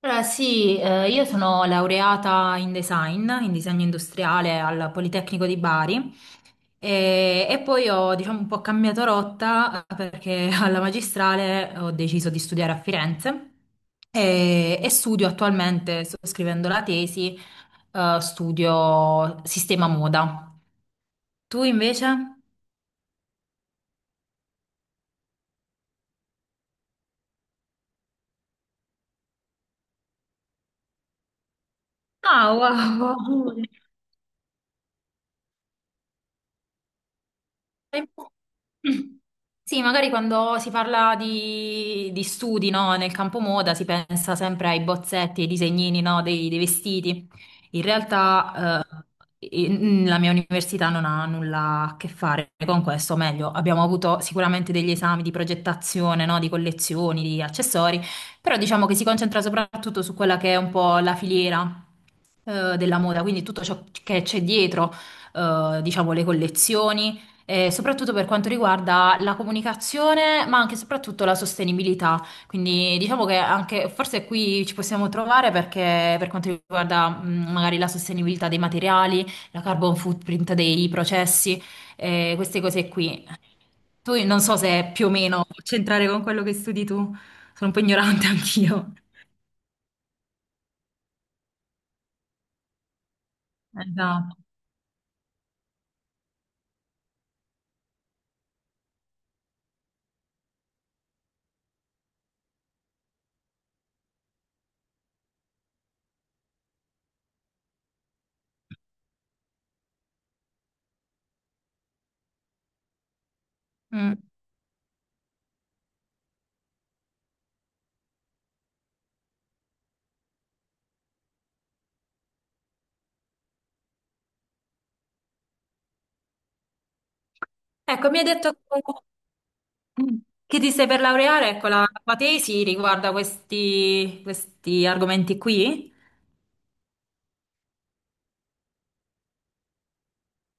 Allora, sì, io sono laureata in design, in disegno industriale al Politecnico di Bari e, poi ho, diciamo, un po' cambiato rotta perché alla magistrale ho deciso di studiare a Firenze e, studio attualmente, sto scrivendo la tesi, studio sistema moda. Tu invece? Ah, wow! Sì, magari quando si parla di studi, no, nel campo moda si pensa sempre ai bozzetti, ai disegnini, no, dei vestiti. In realtà, la mia università non ha nulla a che fare con questo, o meglio, abbiamo avuto sicuramente degli esami di progettazione, no, di collezioni, di accessori, però diciamo che si concentra soprattutto su quella che è un po' la filiera della moda, quindi tutto ciò che c'è dietro, diciamo, le collezioni, soprattutto per quanto riguarda la comunicazione, ma anche e soprattutto la sostenibilità. Quindi diciamo che anche forse qui ci possiamo trovare perché per quanto riguarda magari la sostenibilità dei materiali, la carbon footprint dei processi, queste cose qui. Tu non so se più o meno può c'entrare con quello che studi tu, sono un po' ignorante anch'io. Esatto. Mm. Ecco, mi hai detto che ti stai per laureare? Ecco, la tua tesi riguarda questi, questi argomenti qui?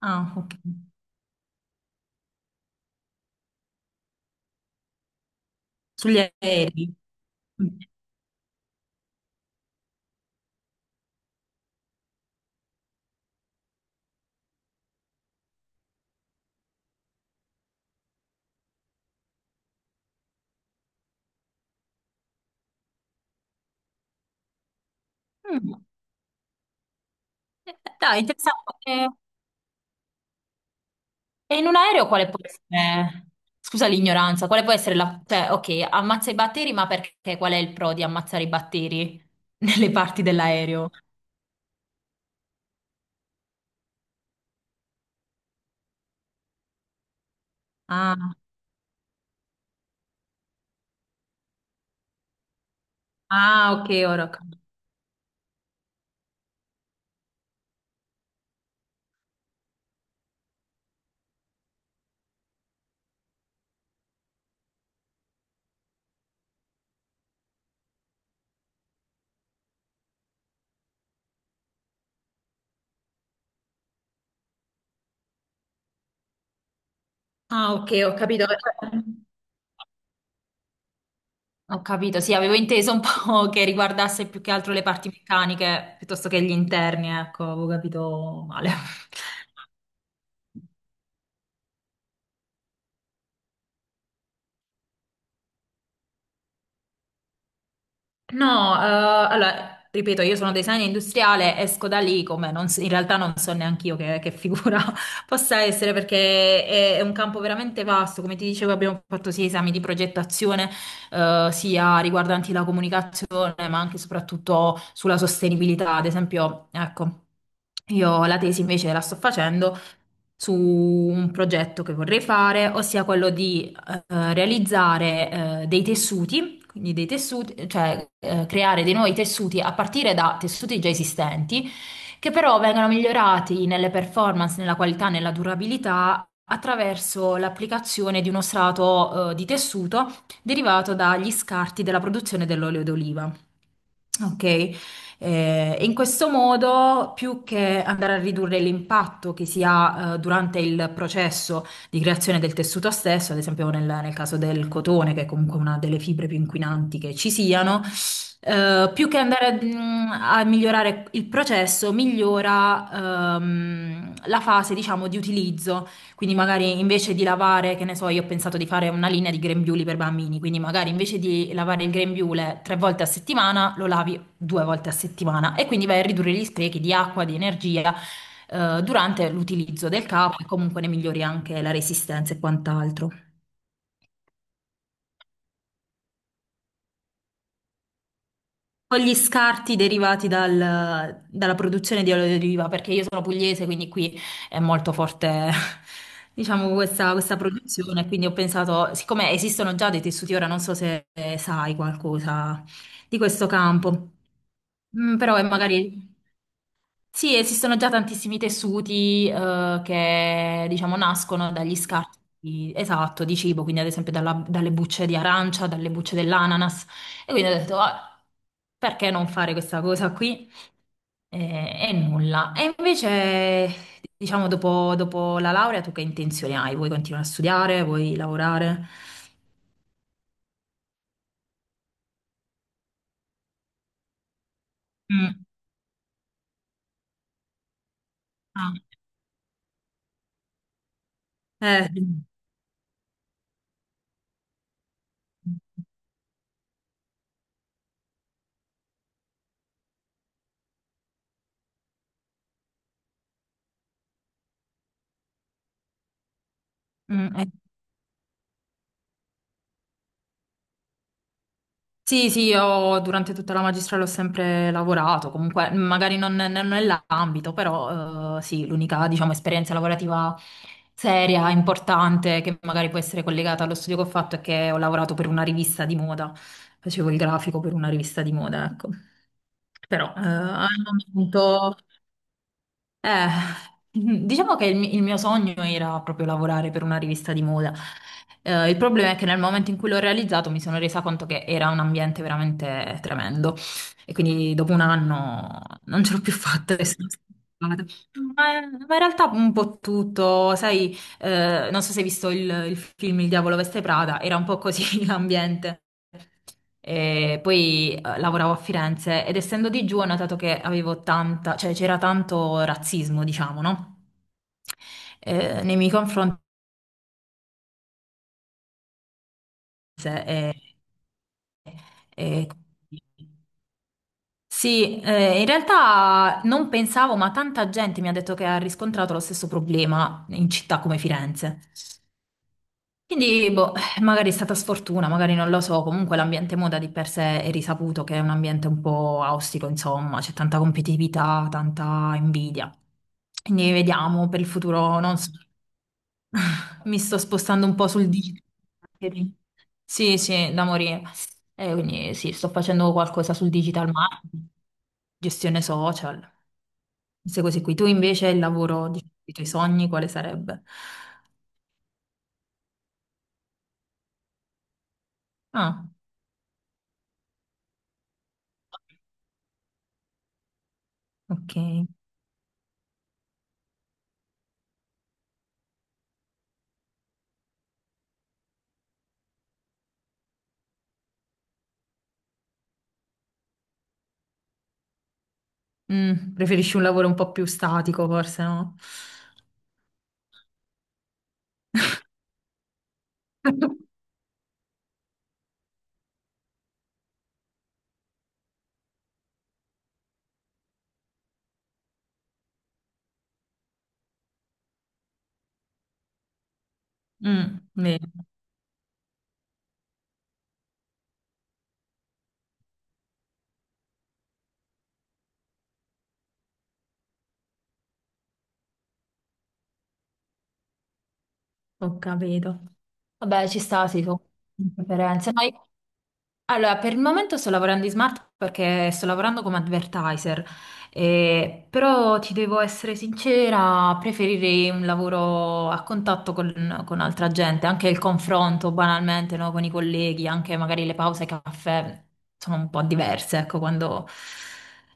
Ah, ok. Sugli aerei. Mm. Mm. Eh, dai, interessante. E in un aereo quale può essere? Scusa l'ignoranza, quale può essere la... Cioè, ok, ammazza i batteri, ma perché? Qual è il pro di ammazzare i batteri nelle parti dell'aereo? Ah, ah, ok, ora Ah, ok, ho capito. Ho capito, sì, avevo inteso un po' che riguardasse più che altro le parti meccaniche piuttosto che gli interni, ecco, avevo capito male. No, allora, ripeto, io sono designer industriale, esco da lì come non s- in realtà non so neanche io che figura possa essere perché è un campo veramente vasto. Come ti dicevo, abbiamo fatto sia esami di progettazione, sia riguardanti la comunicazione, ma anche e soprattutto sulla sostenibilità. Ad esempio, ecco, io la tesi invece la sto facendo su un progetto che vorrei fare, ossia quello di realizzare dei tessuti, quindi dei tessuti, cioè creare dei nuovi tessuti a partire da tessuti già esistenti, che però vengono migliorati nelle performance, nella qualità, nella durabilità attraverso l'applicazione di uno strato di tessuto derivato dagli scarti della produzione dell'olio d'oliva. Ok. E in questo modo, più che andare a ridurre l'impatto che si ha durante il processo di creazione del tessuto stesso, ad esempio nel caso del cotone, che è comunque una delle fibre più inquinanti che ci siano, più che andare a, a migliorare il processo, migliora la fase, diciamo, di utilizzo. Quindi magari invece di lavare, che ne so, io ho pensato di fare una linea di grembiuli per bambini, quindi magari invece di lavare il grembiule tre volte a settimana, lo lavi due volte a settimana e quindi vai a ridurre gli sprechi di acqua, di energia durante l'utilizzo del capo e comunque ne migliori anche la resistenza e quant'altro. Poi gli scarti derivati dalla produzione di olio di oliva, perché io sono pugliese, quindi qui è molto forte, diciamo, questa produzione, quindi ho pensato, siccome esistono già dei tessuti, ora non so se sai qualcosa di questo campo. Mm, però è magari... Sì, esistono già tantissimi tessuti che diciamo nascono dagli esatto, di cibo, quindi ad esempio dalle bucce di arancia, dalle bucce dell'ananas. E quindi ho detto, "Ah, perché non fare questa cosa qui?" E nulla. E invece, diciamo, dopo, dopo la laurea, tu che intenzioni hai? Vuoi continuare a studiare? Vuoi lavorare? Mm. Ah. Mm. Mm, eh. Sì, sì, io durante tutta la magistrale ho sempre lavorato, comunque magari non nell'ambito, però sì, l'unica, diciamo, esperienza lavorativa seria, importante, che magari può essere collegata allo studio che ho fatto è che ho lavorato per una rivista di moda, facevo il grafico per una rivista di moda, ecco. Però al momento... Eh, diciamo che il mio sogno era proprio lavorare per una rivista di moda. Il problema è che nel momento in cui l'ho realizzato mi sono resa conto che era un ambiente veramente tremendo e quindi dopo un anno non ce l'ho più fatta e sono scappata. Ma, ma in realtà un po' tutto, sai, non so se hai visto il film Il diavolo veste Prada, era un po' così l'ambiente. E poi lavoravo a Firenze ed essendo di giù ho notato che avevo tanta, cioè c'era tanto razzismo, diciamo, no? Nei miei confronti. eh, eh, sì, in realtà non pensavo, ma tanta gente mi ha detto che ha riscontrato lo stesso problema in città come Firenze. Quindi, boh, magari è stata sfortuna, magari non lo so, comunque l'ambiente moda di per sé è risaputo che è un ambiente un po' ostico, insomma, c'è tanta competitività, tanta invidia. Quindi vediamo per il futuro, non so, mi sto spostando un po' sul digital marketing. Sì, sì, da morire. Quindi sì, sto facendo qualcosa sul digital marketing, gestione social, queste cose qui. Tu invece il lavoro, diciamo, i tuoi sogni, quale sarebbe? Ah, ok. Mm, preferisci un lavoro un po' più statico, forse, no? Mm, vero, ho capito. Vabbè, ci sta, sì, tu. Preferenze. No, io- Allora, per il momento sto lavorando in smart perché sto lavorando come advertiser, però ti devo essere sincera, preferirei un lavoro a contatto con altra gente, anche il confronto banalmente, no, con i colleghi, anche magari le pause caffè sono un po' diverse, ecco, quando...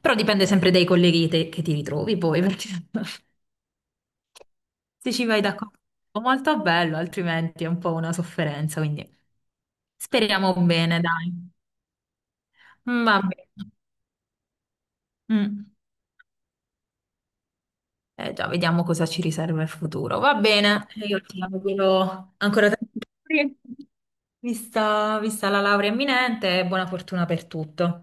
Però dipende sempre dai che ti ritrovi poi, perché se ci vai d'accordo è molto bello, altrimenti è un po' una sofferenza, quindi speriamo bene, dai. Va bene. Mm. Eh già, vediamo cosa ci riserva il futuro. Va bene, io ti auguro ancora tanti auguri, vista la laurea imminente e buona fortuna per tutto.